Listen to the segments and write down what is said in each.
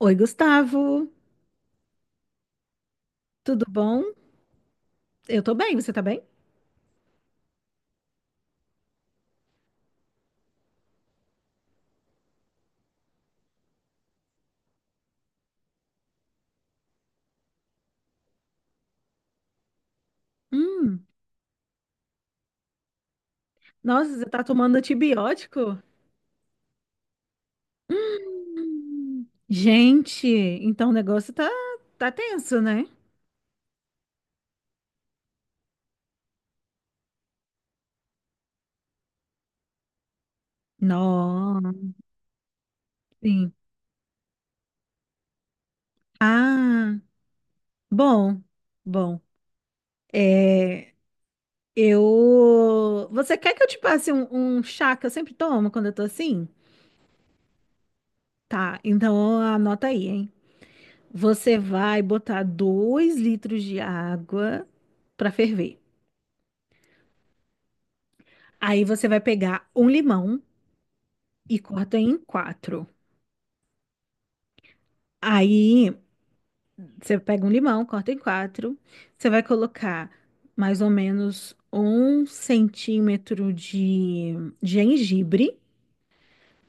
Oi, Gustavo, tudo bom? Eu tô bem, você tá bem? Hum, nossa, você tá tomando antibiótico? Gente, então o negócio tá tenso, né? Nossa, sim. Ah, bom, bom. É, eu. Você quer que eu te passe um chá que eu sempre tomo quando eu tô assim? Tá, então anota aí, hein? Você vai botar 2 litros de água pra ferver. Aí você vai pegar um limão e corta em quatro. Aí você pega um limão, corta em quatro. Você vai colocar mais ou menos 1 centímetro de gengibre.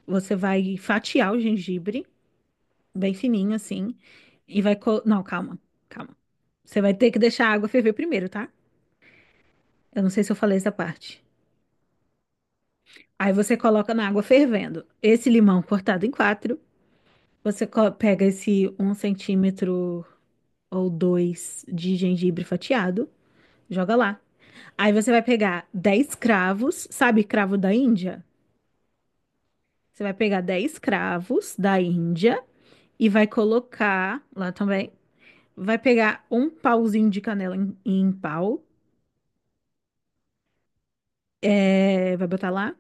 Você vai fatiar o gengibre, bem fininho assim. Não, calma, calma. Você vai ter que deixar a água ferver primeiro, tá? Eu não sei se eu falei essa parte. Aí você coloca na água fervendo esse limão cortado em quatro. Você pega esse 1 centímetro ou dois de gengibre fatiado, joga lá. Aí você vai pegar 10 cravos, sabe cravo da Índia? Você vai pegar 10 cravos da Índia e vai colocar lá também. Vai pegar um pauzinho de canela em pau, vai botar lá.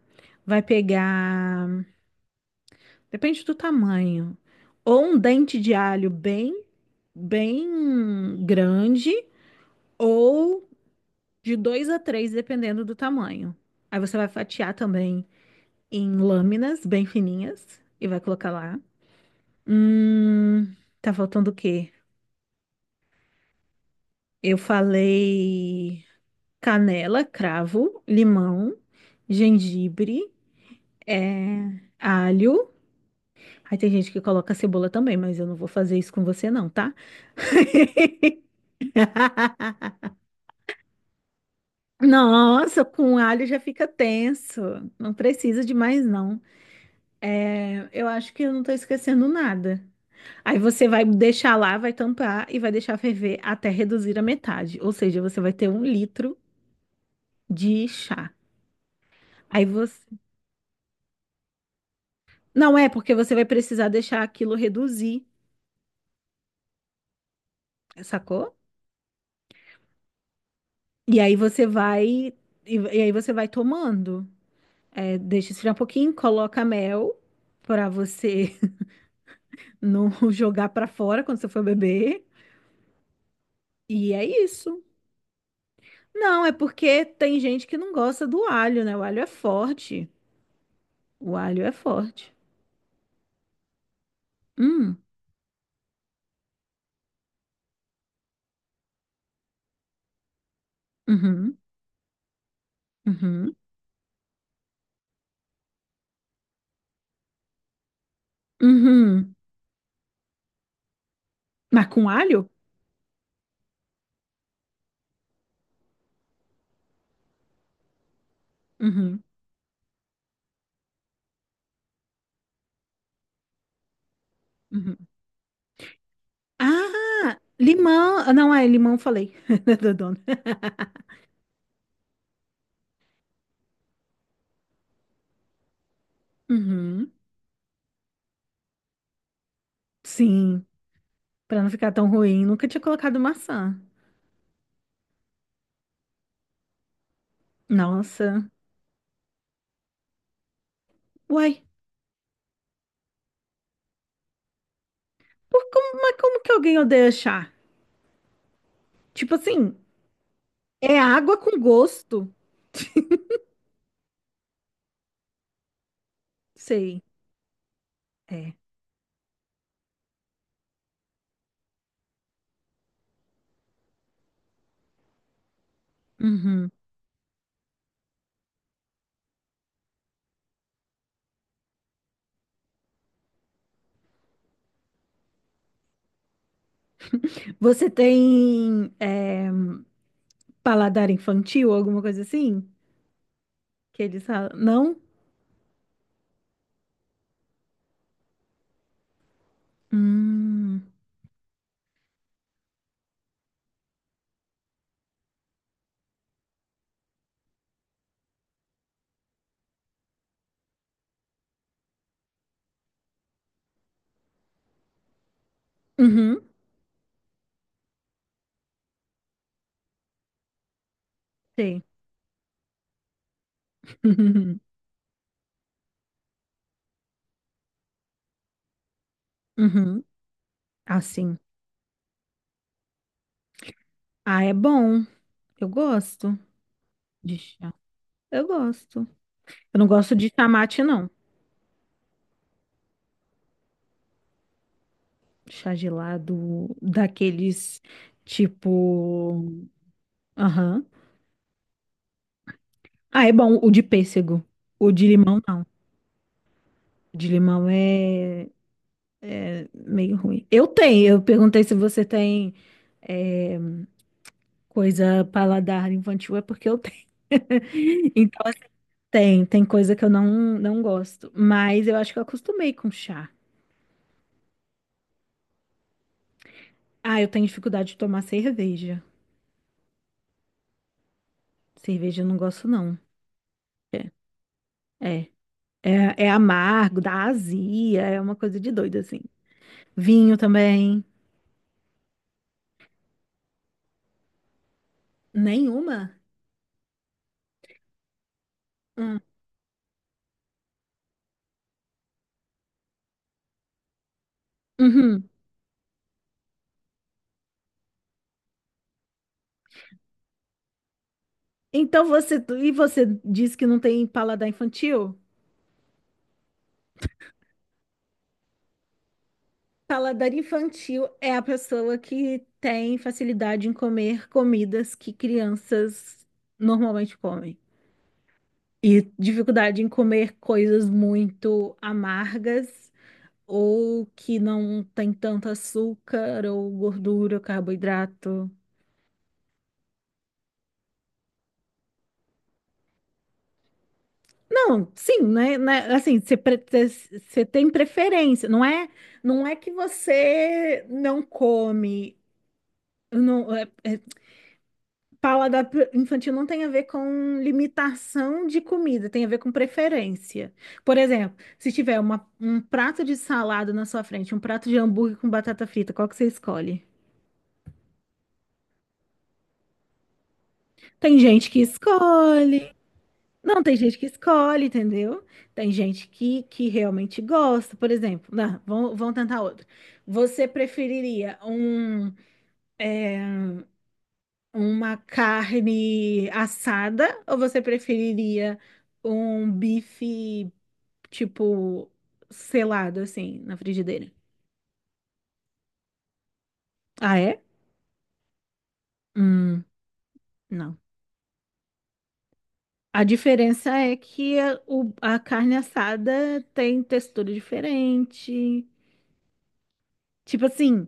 Vai pegar, depende do tamanho, ou um dente de alho bem, bem grande, ou de dois a três, dependendo do tamanho. Aí você vai fatiar também em lâminas bem fininhas e vai colocar lá. Hum, tá faltando o quê? Eu falei canela, cravo, limão, gengibre, é, alho. Aí tem gente que coloca cebola também, mas eu não vou fazer isso com você não, tá? Nossa, com alho já fica tenso. Não precisa de mais não. É, eu acho que eu não tô esquecendo nada. Aí você vai deixar lá, vai tampar e vai deixar ferver até reduzir a metade. Ou seja, você vai ter 1 litro de chá. Aí você. Não é, porque você vai precisar deixar aquilo reduzir, sacou? E aí você vai. E aí você vai tomando. É, deixa esfriar um pouquinho, coloca mel pra você não jogar pra fora quando você for beber. E é isso. Não, é porque tem gente que não gosta do alho, né? O alho é forte. O alho é forte. Hum, uhum, uhum, uhum. Mas com alho? Uhum, uhum. Ah, limão. Ah, não, é limão, falei. Do dono. Uhum, sim, pra não ficar tão ruim, nunca tinha colocado maçã. Nossa. Uai, mas como que alguém odeia chá? Tipo assim, é água com gosto. Sei, é. Uhum. Você tem paladar infantil, alguma coisa assim? Que eles falam, não? Hum. Uhum. Sei. Uhum. Assim. Ah, é bom. Eu gosto de chá. Eu gosto. Eu não gosto de chá mate, não. Chá gelado, daqueles tipo. Aham. Ah, é bom o de pêssego. O de limão, não. O de limão é meio ruim. Eu tenho. Eu perguntei se você tem é, coisa paladar infantil, é porque eu tenho. Então, assim, tem coisa que eu não, não gosto, mas eu acho que eu acostumei com chá. Ah, eu tenho dificuldade de tomar cerveja. Cerveja eu não gosto, não. É, é amargo, dá azia, é uma coisa de doido, assim. Vinho também. Nenhuma? Hum. Uhum. Então e você diz que não tem paladar infantil? Paladar infantil é a pessoa que tem facilidade em comer comidas que crianças normalmente comem. E dificuldade em comer coisas muito amargas ou que não tem tanto açúcar ou gordura, carboidrato. Não, sim, né? Assim, você tem preferência. Não é que você não come. Não, é paladar infantil não tem a ver com limitação de comida, tem a ver com preferência. Por exemplo, se tiver um prato de salada na sua frente, um prato de hambúrguer com batata frita, qual que você escolhe? Tem gente que escolhe. Não, tem gente que escolhe, entendeu? Tem gente que realmente gosta. Por exemplo, não, vamos tentar outro. Você preferiria uma carne assada ou você preferiria um bife? Tipo, selado assim na frigideira. Ah, é? Hum, não. A diferença é que a carne assada tem textura diferente. Tipo assim,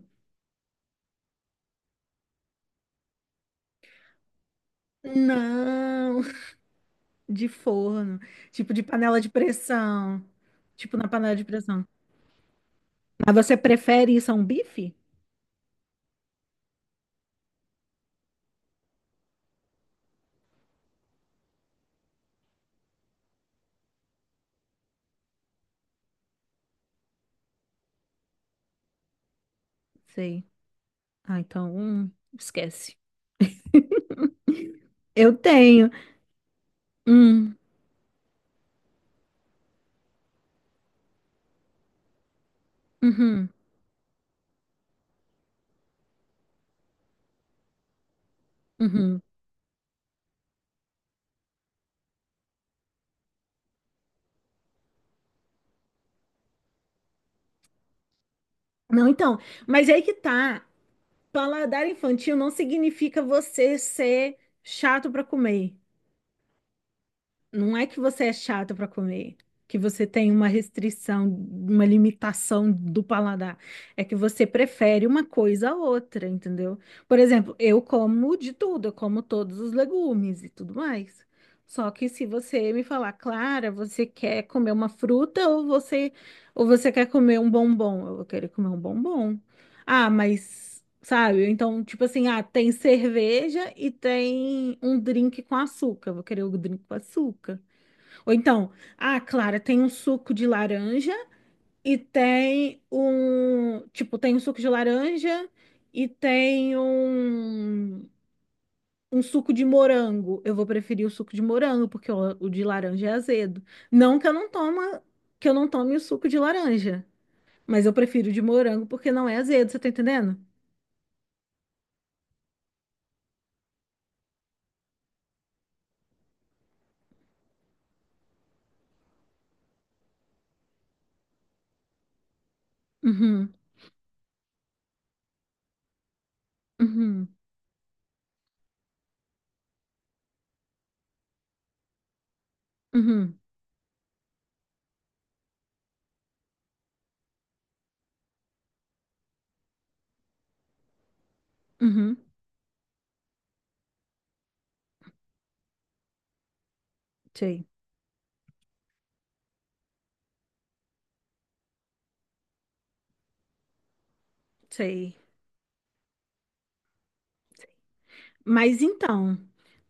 não, de forno, tipo de panela de pressão. Tipo na panela de pressão. Mas você prefere isso a um bife? Sei. Ah, então, esquece. Eu tenho. Hum, uhum, uhum. Não, então, mas aí que tá. Paladar infantil não significa você ser chato para comer. Não é que você é chato para comer, que você tem uma restrição, uma limitação do paladar. É que você prefere uma coisa a outra, entendeu? Por exemplo, eu como de tudo, eu como todos os legumes e tudo mais. Só que se você me falar, Clara, você quer comer uma fruta ou você quer comer um bombom? Eu vou querer comer um bombom. Ah, mas sabe? Então, tipo assim, ah, tem cerveja e tem um drink com açúcar. Vou querer o drink com açúcar. Ou então, ah, Clara, tem um suco de laranja e tem um, tipo, tem um suco de laranja e tem um suco de morango. Eu vou preferir o suco de morango, porque o de laranja é azedo. Não que eu não toma, que eu não tome o suco de laranja, mas eu prefiro o de morango porque não é azedo, você tá entendendo? Uhum, uhum, uhum. Uhum, sei, sei. Mas então,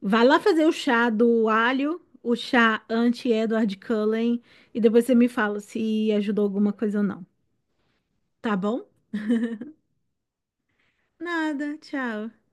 vai lá fazer o chá do alho, o chá anti-Edward Cullen, e depois você me fala se ajudou alguma coisa ou não. Tá bom? Nada, tchau.